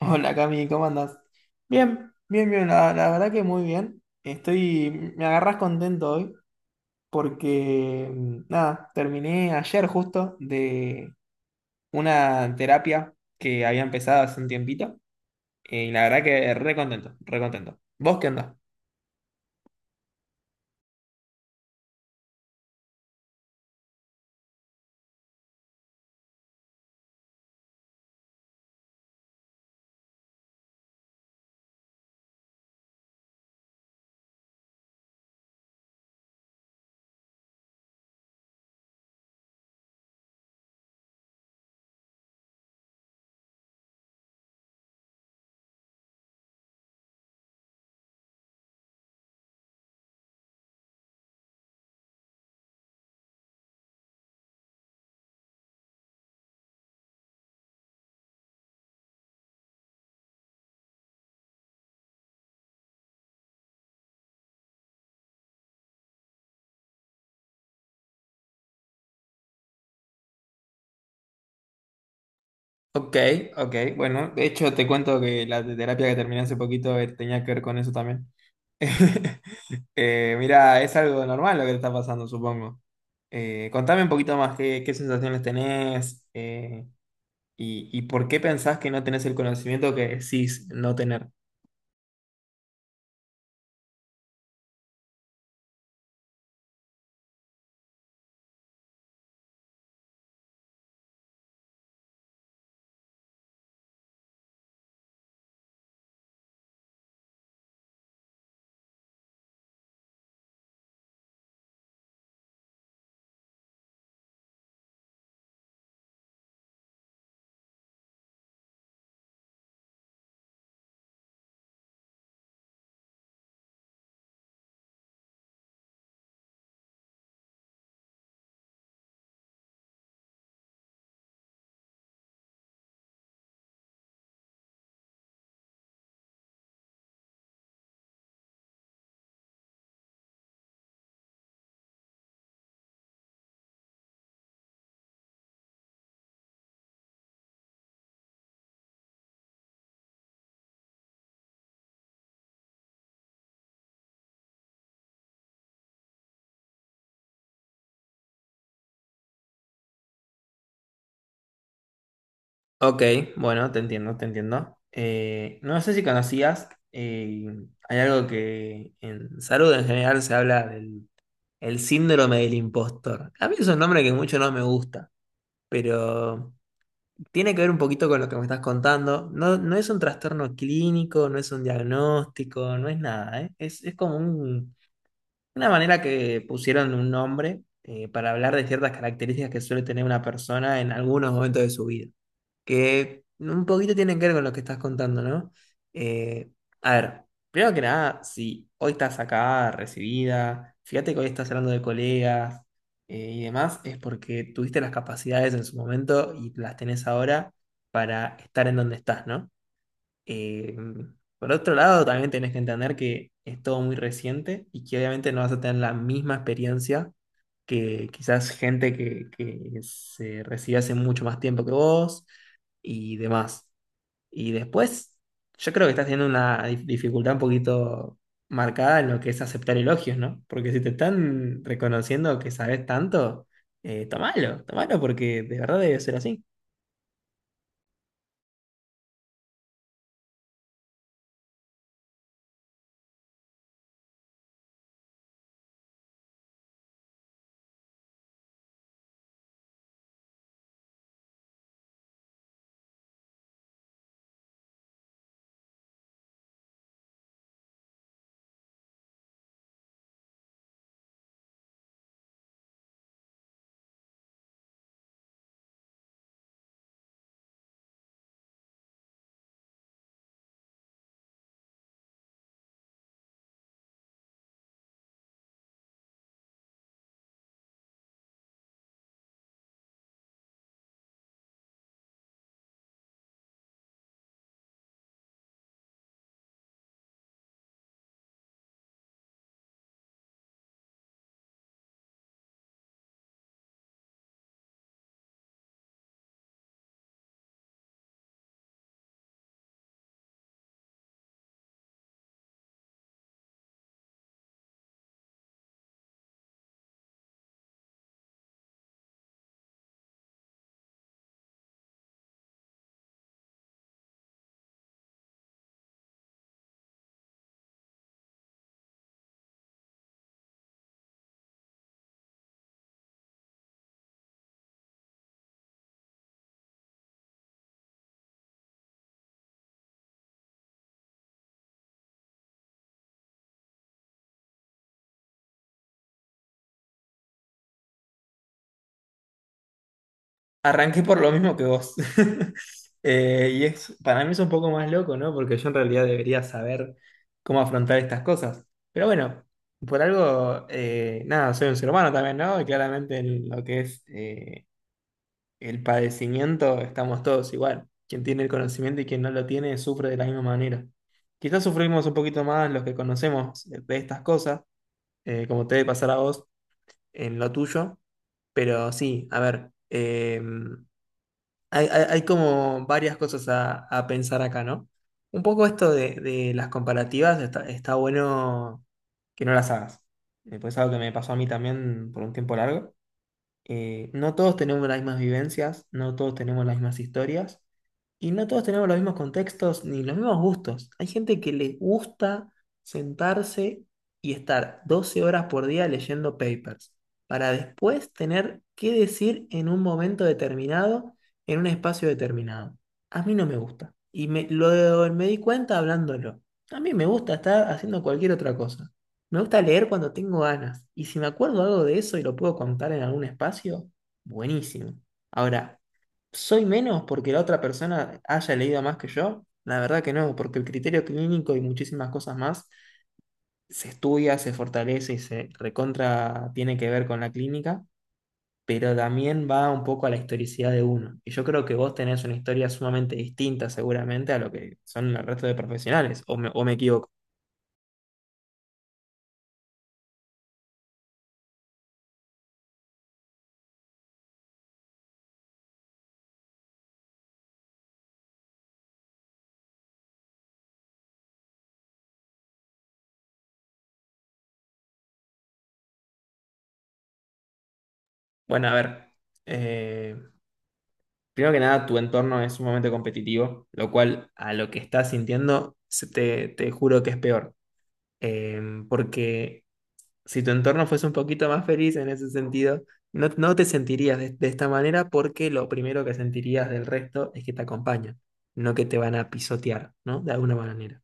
Hola Cami, ¿cómo andas? Bien, bien, bien, la verdad que muy bien. Estoy, me agarras contento hoy porque, nada, terminé ayer justo de una terapia que había empezado hace un tiempito, y la verdad que re contento, re contento. ¿Vos qué andás? Ok, ok, bueno, de hecho te cuento que la terapia que terminé hace poquito tenía que ver con eso también. Mira, es algo normal lo que te está pasando, supongo. Contame un poquito más qué sensaciones tenés, y por qué pensás que no tenés el conocimiento que decís no tener. Ok, bueno, te entiendo, te entiendo. No sé si conocías, hay algo que en salud en general se habla del el síndrome del impostor. A mí es un nombre que mucho no me gusta, pero tiene que ver un poquito con lo que me estás contando. No, no es un trastorno clínico, no es un diagnóstico, no es nada, ¿eh? Es como una manera que pusieron un nombre, para hablar de ciertas características que suele tener una persona en algunos momentos de su vida que un poquito tienen que ver con lo que estás contando, ¿no? Eh, a ver, primero que nada, si hoy estás acá, recibida, fíjate que hoy estás hablando de colegas, y demás, es porque tuviste las capacidades en su momento y las tenés ahora para estar en donde estás, ¿no? Eh, por otro lado, también tenés que entender que es todo muy reciente y que obviamente no vas a tener la misma experiencia que quizás gente que se recibe hace mucho más tiempo que vos y demás. Y después, yo creo que estás teniendo una dificultad un poquito marcada en lo que es aceptar elogios, ¿no? Porque si te están reconociendo que sabes tanto, tomalo, tomalo porque de verdad debe ser así. Arranqué por lo mismo que vos. Y es, para mí es un poco más loco, ¿no? Porque yo en realidad debería saber cómo afrontar estas cosas. Pero bueno, por algo, nada, soy un ser humano también, ¿no? Y claramente en lo que es, el padecimiento estamos todos igual. Quien tiene el conocimiento y quien no lo tiene sufre de la misma manera. Quizás sufrimos un poquito más los que conocemos, de estas cosas, como te debe pasar a vos en lo tuyo. Pero sí, a ver, hay como varias cosas a pensar acá, ¿no? Un poco esto de las comparativas, está, está bueno que no las hagas. Pues es algo que me pasó a mí también por un tiempo largo, no todos tenemos las mismas vivencias, no todos tenemos las mismas historias y no todos tenemos los mismos contextos ni los mismos gustos. Hay gente que le gusta sentarse y estar 12 horas por día leyendo papers para después tener qué decir en un momento determinado, en un espacio determinado. A mí no me gusta y me di cuenta hablándolo. A mí me gusta estar haciendo cualquier otra cosa. Me gusta leer cuando tengo ganas. Y si me acuerdo algo de eso y lo puedo contar en algún espacio, buenísimo. Ahora, ¿soy menos porque la otra persona haya leído más que yo? La verdad que no, porque el criterio clínico y muchísimas cosas más se estudia, se fortalece y se recontra tiene que ver con la clínica, pero también va un poco a la historicidad de uno. Y yo creo que vos tenés una historia sumamente distinta seguramente a lo que son el resto de profesionales, o me equivoco. Bueno, a ver. eh, Primero que nada, tu entorno es sumamente competitivo, lo cual a lo que estás sintiendo, te juro que es peor. Eh, Porque si tu entorno fuese un poquito más feliz en ese sentido, no, no te sentirías de esta manera porque lo primero que sentirías del resto es que te acompañan, no que te van a pisotear, ¿no? De alguna manera.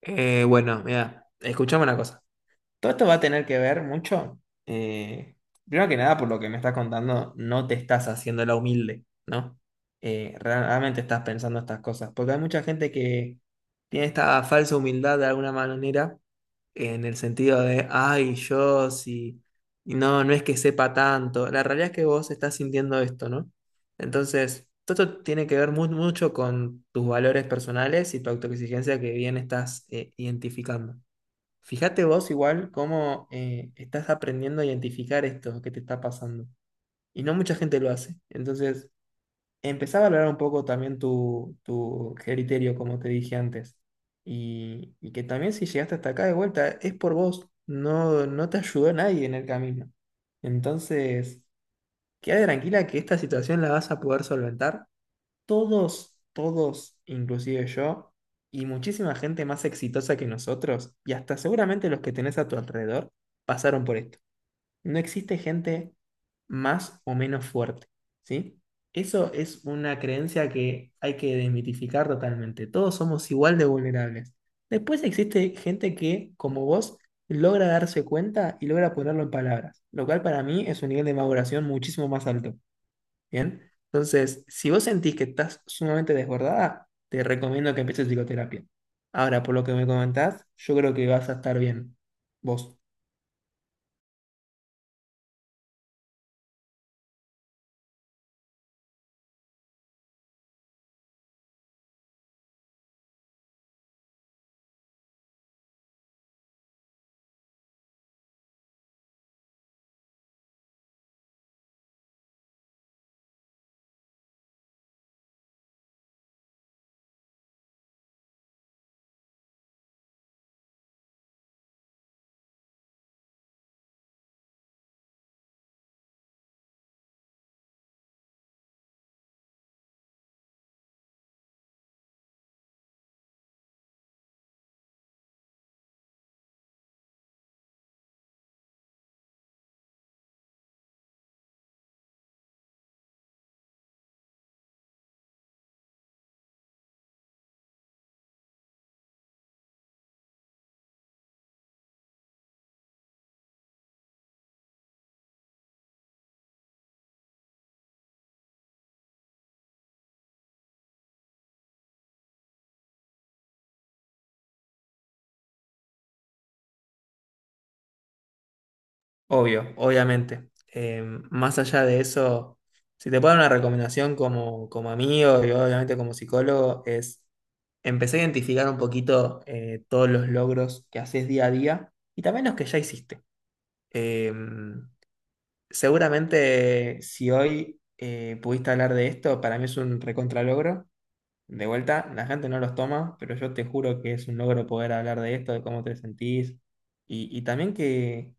Bueno, mira, escuchame una cosa. Todo esto va a tener que ver mucho. eh, Primero que nada, por lo que me estás contando, no te estás haciendo la humilde, ¿no? Realmente estás pensando estas cosas. Porque hay mucha gente que tiene esta falsa humildad de alguna manera, en el sentido de, ay, yo sí, y no, no es que sepa tanto. La realidad es que vos estás sintiendo esto, ¿no? Entonces, todo esto tiene que ver mucho con tus valores personales y tu autoexigencia que bien estás, identificando. Fíjate vos igual cómo, estás aprendiendo a identificar esto que te está pasando. Y no mucha gente lo hace. Entonces, empezá a valorar un poco también tu criterio, como te dije antes. Y que también si llegaste hasta acá de vuelta, es por vos. No, no te ayudó nadie en el camino. Entonces, quédate tranquila que esta situación la vas a poder solventar todos, todos, inclusive yo, y muchísima gente más exitosa que nosotros, y hasta seguramente los que tenés a tu alrededor, pasaron por esto. No existe gente más o menos fuerte, ¿sí? Eso es una creencia que hay que desmitificar totalmente. Todos somos igual de vulnerables. Después existe gente que, como vos, logra darse cuenta y logra ponerlo en palabras, lo cual para mí es un nivel de maduración muchísimo más alto. ¿Bien? Entonces, si vos sentís que estás sumamente desbordada, te recomiendo que empieces psicoterapia. Ahora, por lo que me comentás, yo creo que vas a estar bien. Vos, obvio, obviamente. Más allá de eso, si te puedo dar una recomendación como, como amigo y obviamente como psicólogo, es empezar a identificar un poquito, todos los logros que haces día a día y también los que ya hiciste. Eh, Seguramente si hoy, pudiste hablar de esto, para mí es un recontralogro. De vuelta, la gente no los toma, pero yo te juro que es un logro poder hablar de esto, de cómo te sentís y también que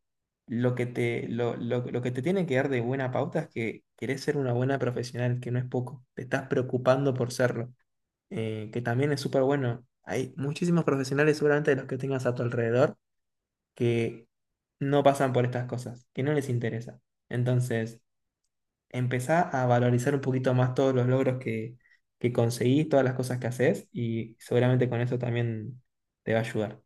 lo que te tiene que dar de buena pauta es que querés ser una buena profesional, que no es poco, te estás preocupando por serlo, que también es súper bueno. Hay muchísimos profesionales, seguramente de los que tengas a tu alrededor, que no pasan por estas cosas, que no les interesa. Entonces empezá a valorizar un poquito más todos los logros que conseguís, todas las cosas que haces, y seguramente con eso también te va a ayudar.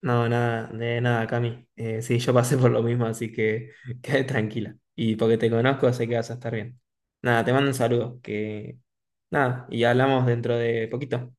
No, nada, de nada, Cami. Sí, yo pasé por lo mismo, así que quédate tranquila. Y porque te conozco, sé que vas a estar bien. Nada, te mando un saludo, que nada, y hablamos dentro de poquito.